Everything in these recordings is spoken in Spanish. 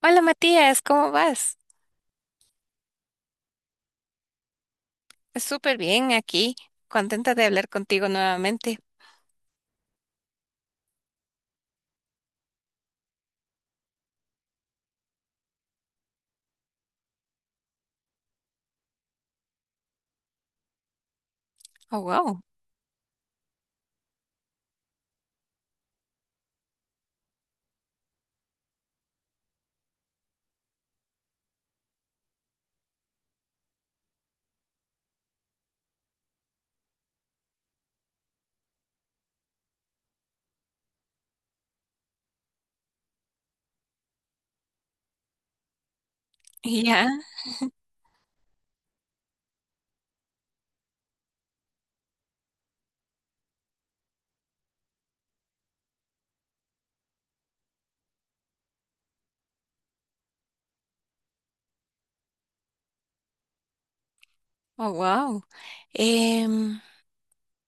Hola Matías, ¿cómo vas? Súper bien aquí, contenta de hablar contigo nuevamente. Oh, wow. Ya, oh, wow. Em,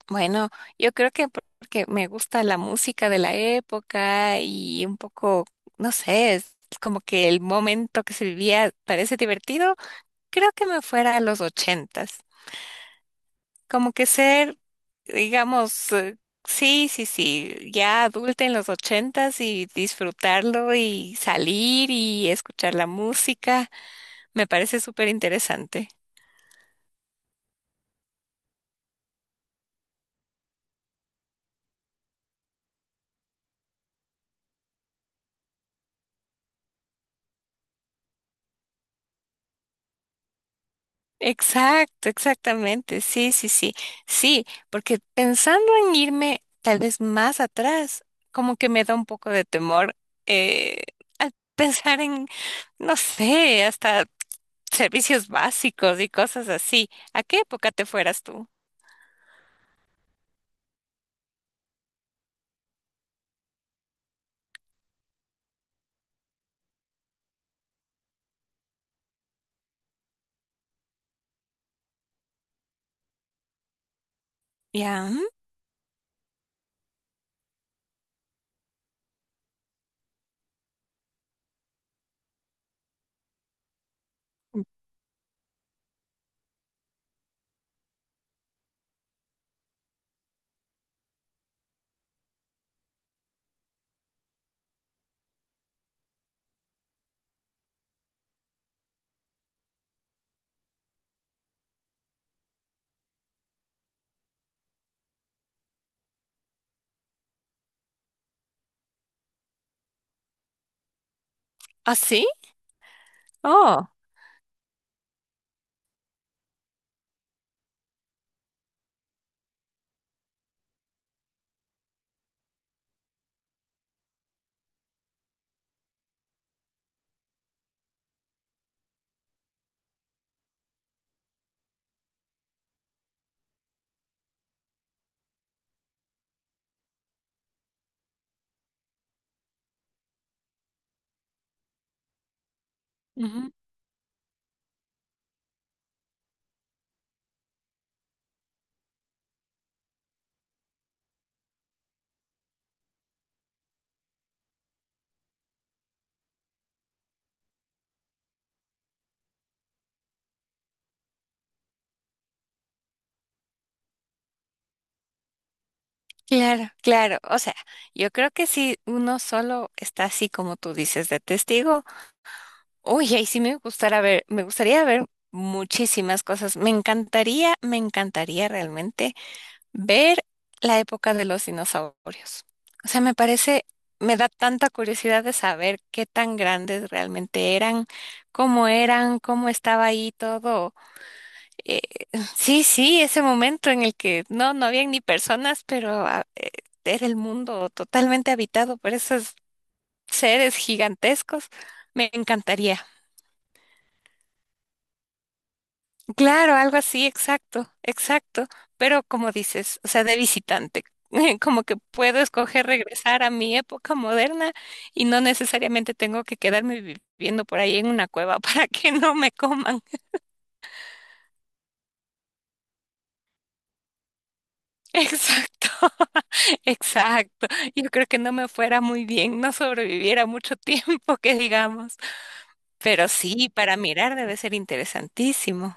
bueno, yo creo que porque me gusta la música de la época y un poco, no sé, es como que el momento que se vivía parece divertido, creo que me fuera a los ochentas. Como que ser, digamos, sí, sí, sí, ya adulta en los ochentas y disfrutarlo y salir y escuchar la música, me parece súper interesante. Exacto, exactamente. Sí, sí, sí. Sí, porque pensando en irme tal vez más atrás, como que me da un poco de temor eh, al pensar en, no sé, hasta servicios básicos y cosas así. ¿A qué época te fueras tú? ¿Ya? Mm. ¿Ah, sí? Oh. Ujú. Claro, claro. O sea, yo creo que si uno solo está así como tú dices de testigo, uy, ahí sí me gustará ver, me gustaría ver muchísimas cosas. Me encantaría realmente ver la época de los dinosaurios. O sea, me parece, me da tanta curiosidad de saber qué tan grandes realmente eran, cómo estaba ahí todo. Eh, sí, sí, ese momento en el que no habían ni personas, pero ah, era el mundo totalmente habitado por esos seres gigantescos. Me encantaría. Claro, algo así, exacto, exacto. Pero como dices, o sea, de visitante, como que puedo escoger regresar a mi época moderna y no necesariamente tengo que quedarme viviendo por ahí en una cueva para que no me coman. Exacto, exacto. Yo creo que no me fuera muy bien, no sobreviviera mucho tiempo, que digamos. Pero sí, para mirar debe ser interesantísimo.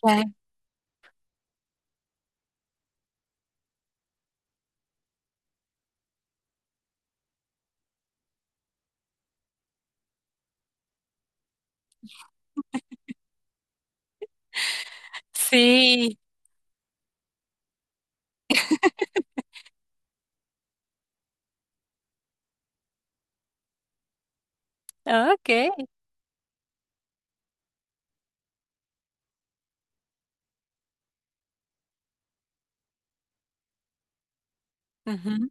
Claro. Sí, ok. Ujú,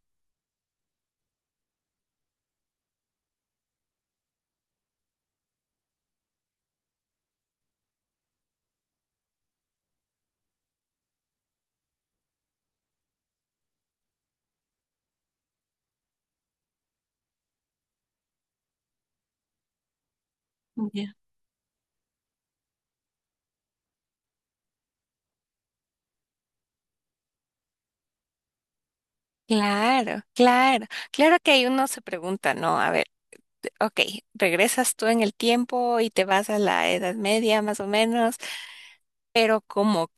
ya. Claro, claro, claro que ahí uno se pregunta, ¿no? A ver, ok, regresas tú en el tiempo y te vas a la Edad Media más o menos, pero como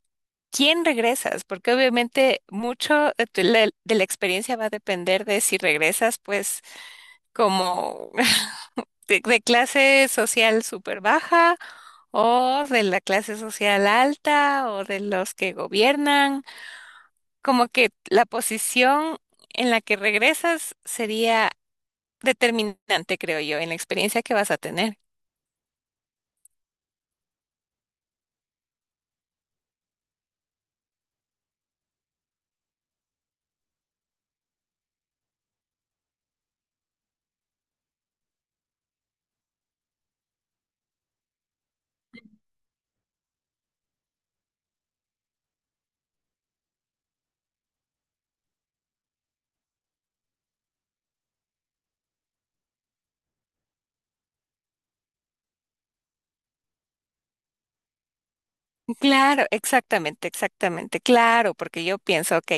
¿quién regresas? Porque obviamente mucho de la experiencia va a depender de si regresas, pues, como de clase social súper baja o de la clase social alta o de los que gobiernan. Como que la posición en la que regresas sería determinante, creo yo, en la experiencia que vas a tener. Claro, exactamente, exactamente, claro, porque yo pienso, ok,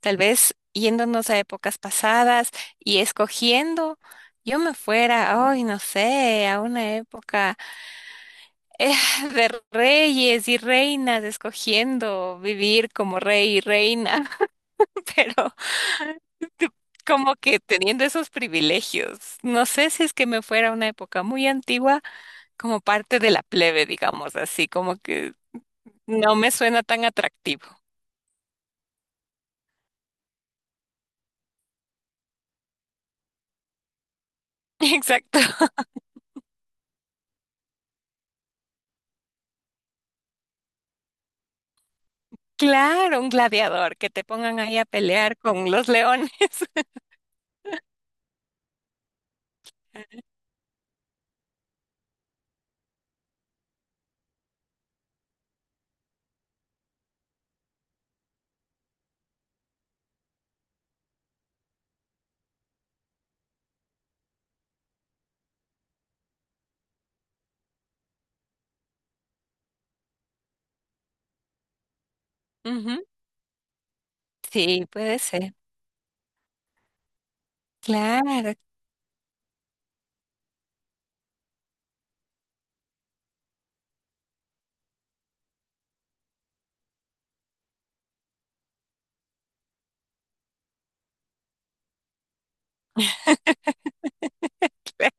tal vez yéndonos a épocas pasadas y escogiendo, yo me fuera, ay, no sé, a una época eh, de reyes y reinas, escogiendo vivir como rey y reina, pero como que teniendo esos privilegios. No sé si es que me fuera a una época muy antigua como parte de la plebe, digamos así, como que no me suena tan atractivo. Exacto. Claro, un gladiador, que te pongan ahí a pelear con los leones. Ujú. Sí, puede ser. Claro, claro,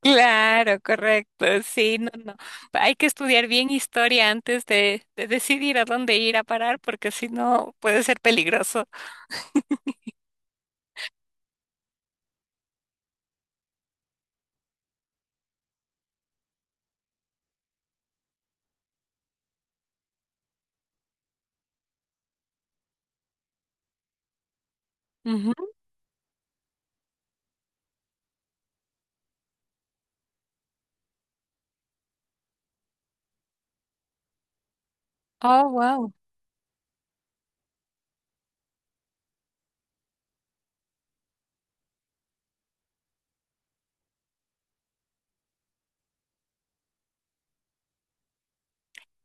claro, correcto. Sí, no, no. Hay que estudiar bien historia antes de decidir a dónde ir a parar, porque si no puede ser peligroso. Ujú. Oh, wow.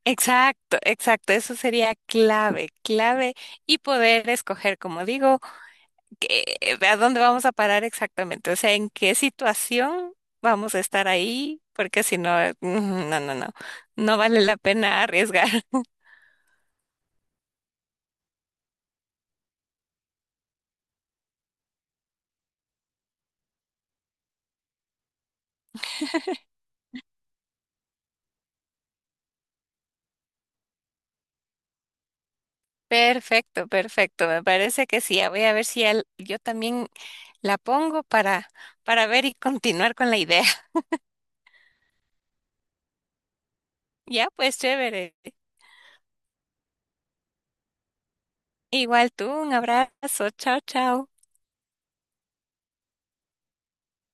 Exacto, exacto. Eso sería clave, clave y poder escoger, como digo. ¿Qué- ¿a dónde vamos a parar exactamente? O sea, ¿en qué situación vamos a estar ahí? Porque si no, no, no, no, no vale la pena arriesgar. Perfecto, perfecto. Me parece que sí. Voy a ver si yo también la pongo para ver y continuar con la idea. Ya, pues chévere. Igual tú, un abrazo. Chao, chao.